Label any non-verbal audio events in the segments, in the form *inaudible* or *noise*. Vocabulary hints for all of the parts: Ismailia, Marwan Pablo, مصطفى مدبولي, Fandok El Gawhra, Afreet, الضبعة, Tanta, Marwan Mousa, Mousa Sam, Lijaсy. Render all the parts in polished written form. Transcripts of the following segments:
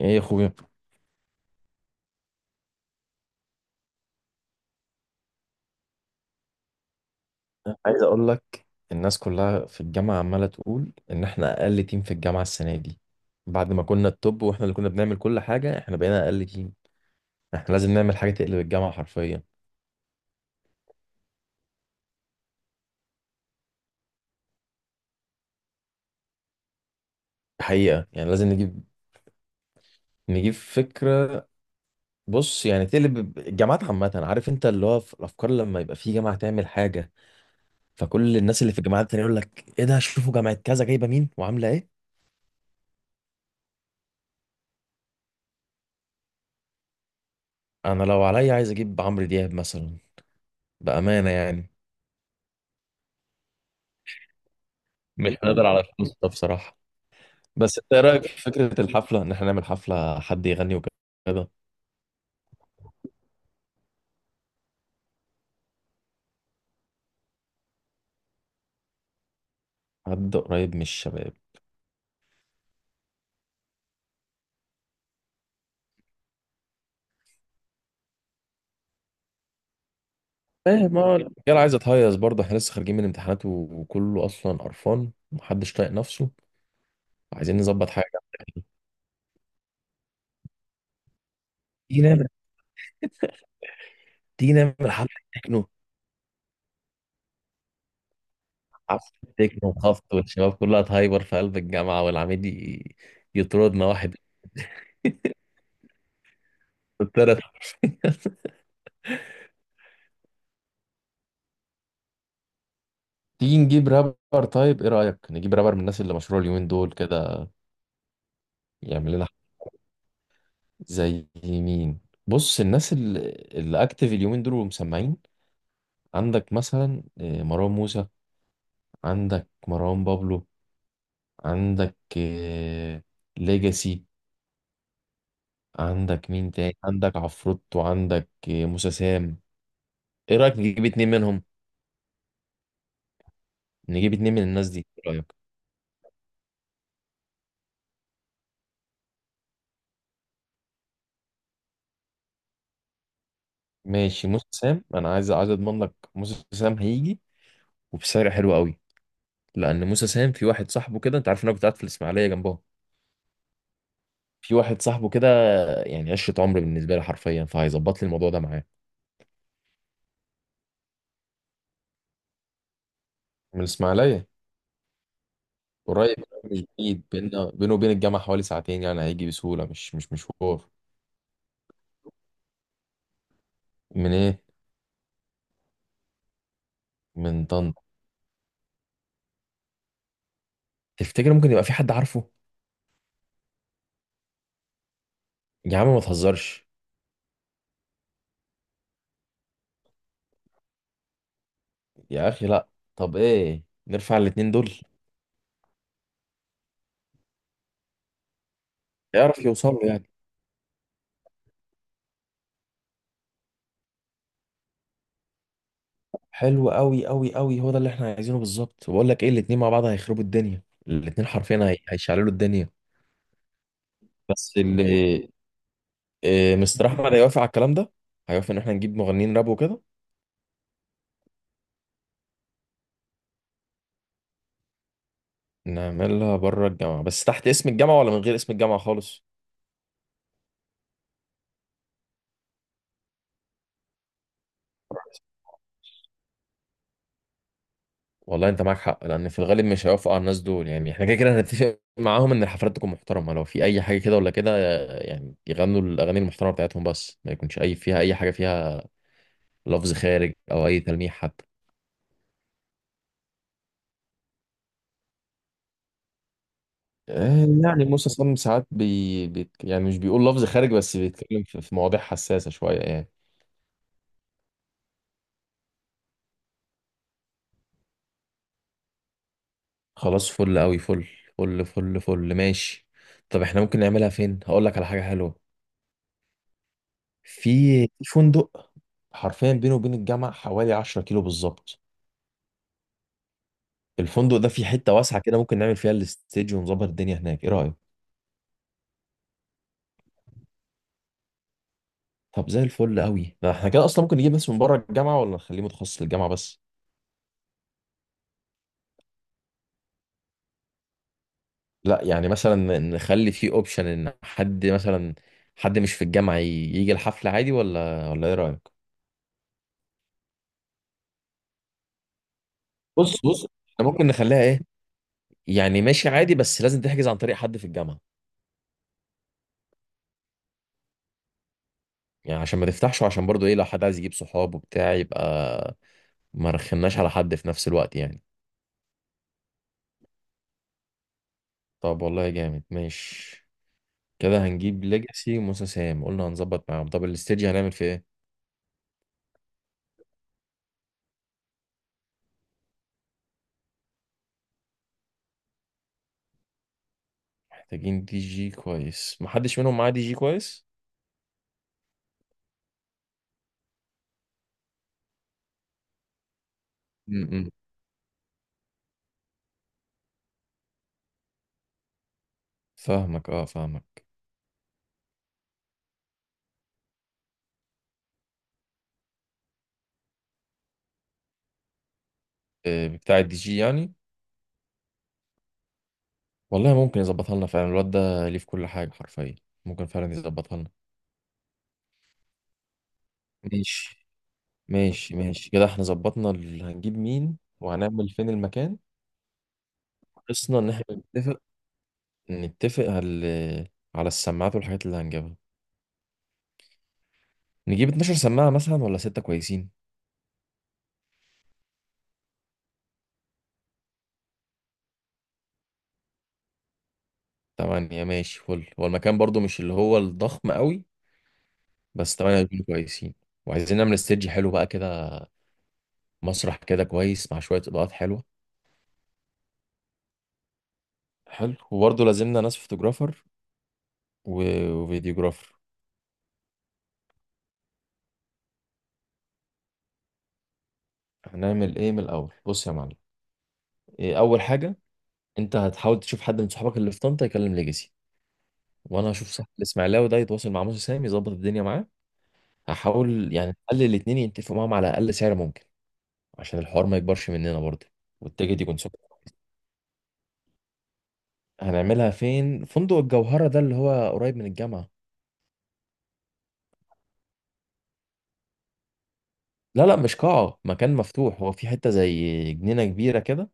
ايه يا اخويا، عايز اقول لك. الناس كلها في الجامعه عماله تقول ان احنا اقل تيم في الجامعه السنه دي. بعد ما كنا التوب واحنا اللي كنا بنعمل كل حاجه احنا بقينا اقل تيم. احنا لازم نعمل حاجه تقلب الجامعه حرفيا. حقيقه يعني لازم نجيب فكره. بص يعني تقلب الجامعات عامه، عارف انت اللي هو في الافكار لما يبقى في جامعه تعمل حاجه، فكل الناس اللي في الجامعات التانيه يقول لك ايه ده، شوفوا جامعه كذا جايبه مين وعامله ايه. انا لو عليا عايز اجيب عمرو دياب مثلا، بامانه يعني. مش هنقدر على الفلوس ده بصراحه. بس انت ايه رايك في فكره الحفله ان احنا نعمل حفله حد يغني وكده؟ حد قريب من الشباب. ايه، ما هو الرجاله عايزه تهيص برضه، احنا لسه خارجين من امتحانات وكله اصلا قرفان ومحدش طايق نفسه. عايزين نظبط حاجه. تيجي نعمل تيجي نعمل تكنو حفله تكنو وخبط والشباب كلها تهايبر في قلب الجامعه والعميد يطردنا واحد. يطرد *laughs* تيجي نجيب رابر، طيب ايه رايك نجيب رابر من الناس اللي مشهوره اليومين دول كده؟ يعمل لنا زي مين؟ بص الناس اللي اللي اكتف اليومين دول ومسمعين. عندك مثلا مروان موسى. عندك مروان بابلو. عندك ليجاسي. عندك مين تاني؟ عندك عفروت وعندك موسى سام. ايه رايك نجيب اتنين منهم؟ نجيب اتنين من الناس دي، ايه رايك؟ ماشي، موسى سام انا عايز اضمن لك موسى سام هيجي وبسعر حلو قوي. لان موسى سام في واحد صاحبه كده، انت عارف ان انا كنت قاعد في الاسماعيليه جنبهم. في واحد صاحبه كده، يعني عشرة عمر بالنسبة لي حرفيا، فهيظبط لي الموضوع ده معاه. من الإسماعيلية. قريب، مش بعيد، بيننا بينه وبين الجامعة حوالي ساعتين يعني، هيجي بسهولة، مش مشوار. من إيه؟ من طنطا. تفتكر ممكن يبقى في حد عارفه؟ يا عم ما تهزرش. يا أخي لأ. طب إيه، نرفع الاتنين دول؟ يعرف يوصل له يعني. حلو أوي أوي أوي، هو ده اللي إحنا عايزينه بالظبط، بقول لك إيه، الاتنين مع بعض هيخربوا الدنيا، الاتنين حرفيا هيشعللوا الدنيا. بس اللي إيه، مستر احمد هيوافق على الكلام ده؟ هيوافق ان احنا نجيب مغنيين راب وكده؟ نعملها بره الجامعه، بس تحت اسم الجامعه ولا من غير اسم الجامعه خالص؟ والله انت معاك حق، لان في الغالب مش هيوافقوا على الناس دول، يعني احنا كده كده هنتفق معاهم ان الحفلات تكون محترمه، لو في اي حاجه كده ولا كده، يعني يغنوا الاغاني المحترمه بتاعتهم بس، ما يكونش اي فيها اي حاجه فيها لفظ خارج او اي تلميح حتى. يعني موسى سام ساعات يعني مش بيقول لفظ خارج بس بيتكلم في مواضيع حساسه شويه يعني. خلاص، فل قوي، فل فل فل فل ماشي. طب احنا ممكن نعملها فين؟ هقول لك على حاجه حلوه. في في فندق، حرفيا بينه وبين الجامعه حوالي 10 كيلو بالظبط. الفندق ده فيه حته واسعه كده، ممكن نعمل فيها الاستيج ونظبط الدنيا هناك، ايه رايك؟ طب زي الفل قوي ده، احنا كده اصلا ممكن نجيب ناس من بره الجامعه ولا نخليه متخصص للجامعه بس؟ لا يعني، مثلا نخلي فيه اوبشن ان حد مثلا، حد مش في الجامعه يجي الحفله عادي، ولا ايه رايك؟ بص بص، احنا ممكن نخليها يعني ماشي عادي، بس لازم تحجز عن طريق حد في الجامعة. يعني عشان ما تفتحش، وعشان برضو ايه، لو حد عايز يجيب صحاب وبتاع يبقى ما رخناش على حد في نفس الوقت يعني. طب والله جامد، ماشي. كده هنجيب ليجاسي وموسى سام، قلنا هنظبط معاهم. طب الاستديو هنعمل فيه ايه؟ محتاجين دي جي كويس، محدش منهم معاه دي جي كويس. م-م. فاهمك، اه، فاهمك. بتاع الدي جي يعني. والله ممكن يظبطها لنا فعلا، الواد ده ليه في كل حاجة حرفيا، ممكن فعلا يظبطها لنا. ماشي ماشي ماشي، كده احنا ظبطنا هنجيب مين وهنعمل فين المكان. قصنا ان احنا نتفق على السماعات والحاجات اللي هنجيبها. نجيب 12 سماعة مثلا ولا ستة كويسين؟ تمانية ماشي، فل. هو المكان برضو مش اللي هو الضخم قوي، بس تمانية هيكونوا كويسين. وعايزين نعمل استيدج حلو بقى كده، مسرح كده كويس مع شوية إضاءات حلوة. حلو، وبرضه لازمنا ناس فوتوجرافر وفيديوجرافر. هنعمل ايه من الأول؟ بص يا معلم، إيه أول حاجة. انت هتحاول تشوف حد من صحابك اللي في طنطا يكلم ليجاسي، وانا هشوف صاحب الاسماعيلاوي ده يتواصل مع موسى سام يظبط الدنيا معاه. هحاول يعني نخلي الاتنين يتفقوا معاهم على اقل سعر ممكن، عشان الحوار ما يكبرش مننا برضه، والتيكت يكون سكت. هنعملها فين؟ فندق الجوهرة ده اللي هو قريب من الجامعة. لا لا، مش قاعة، مكان مفتوح، هو في حتة زي جنينة كبيرة كده.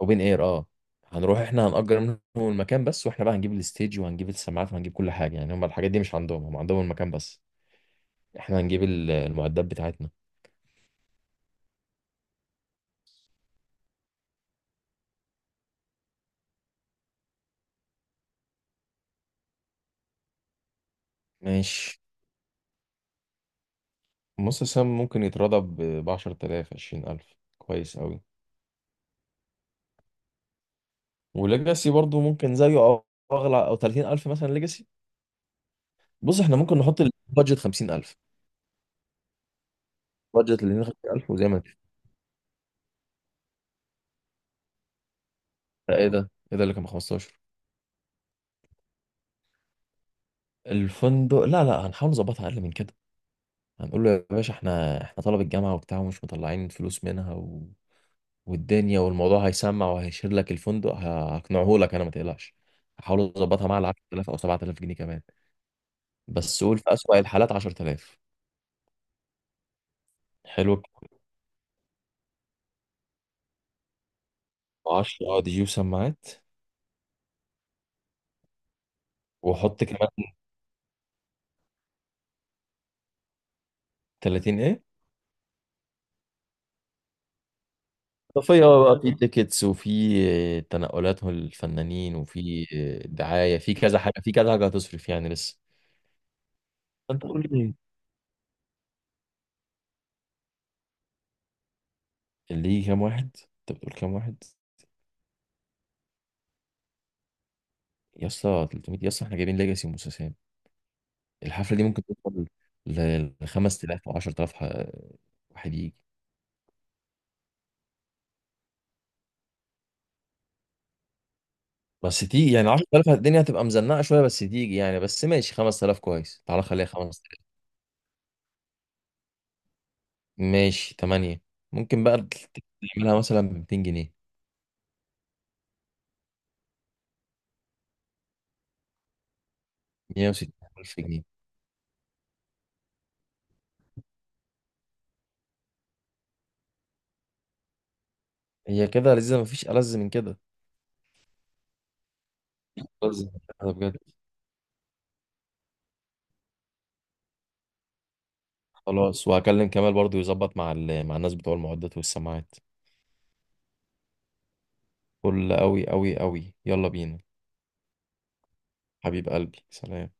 وبين اير، اه. هنروح احنا هنأجر منهم المكان بس، واحنا بقى هنجيب الستيج وهنجيب السماعات وهنجيب كل حاجة يعني، هم الحاجات دي مش عندهم، هم عندهم المكان بس. احنا هنجيب المعدات بتاعتنا. ماشي، نص سام ممكن يترضى ب 10000 20000 كويس قوي. وليجاسي برضو ممكن زيه او اغلى، او 30000 مثلا ليجاسي. بص احنا ممكن نحط البادجت 50000. بادجت اللي 50000، وزي ما لا، ايه ده ايه ده اللي كان ب 15؟ الفندق؟ لا لا، هنحاول نظبطها اقل من كده. هنقول له يا باشا احنا طلب الجامعه وبتاع ومش مطلعين فلوس منها والدنيا والموضوع، هيسمع وهيشير لك الفندق، هقنعه لك انا، ما تقلقش. هحاول اظبطها مع ال 10000 او 7000 جنيه كمان. بس قول في اسوأ الحالات 10000. حلو الكلام. 10، اه، دي جي وسماعات. واحط كمان 30 ايه؟ اضافيه بقى، في تيكتس وفي تنقلات الفنانين وفي دعايه، في كذا حاجه، في كذا حاجه هتصرف يعني لسه. انت قول لي، اللي يجي كام واحد؟ انت بتقول كام واحد؟ يا اسطى 300؟ يا اسطى احنا جايبين ليجاسي وموسى، الحفله دي ممكن توصل ل ل 5000 او 10000 واحد يجي. بس تيجي يعني 10000 الدنيا هتبقى مزنقه شويه، بس تيجي يعني، بس ماشي 5000 كويس، تعالى خليها 5000. ماشي 8، ممكن بقى تعملها مثلا ب 200 جنيه، 160000 جنيه. هي كده لذيذة، مفيش ألذ من كده. ألذ من كده بجد. خلاص وهكلم كمال برضو يظبط مع مع الناس بتوع المعدات والسماعات. فل أوي أوي أوي، يلا بينا. حبيب قلبي، سلام.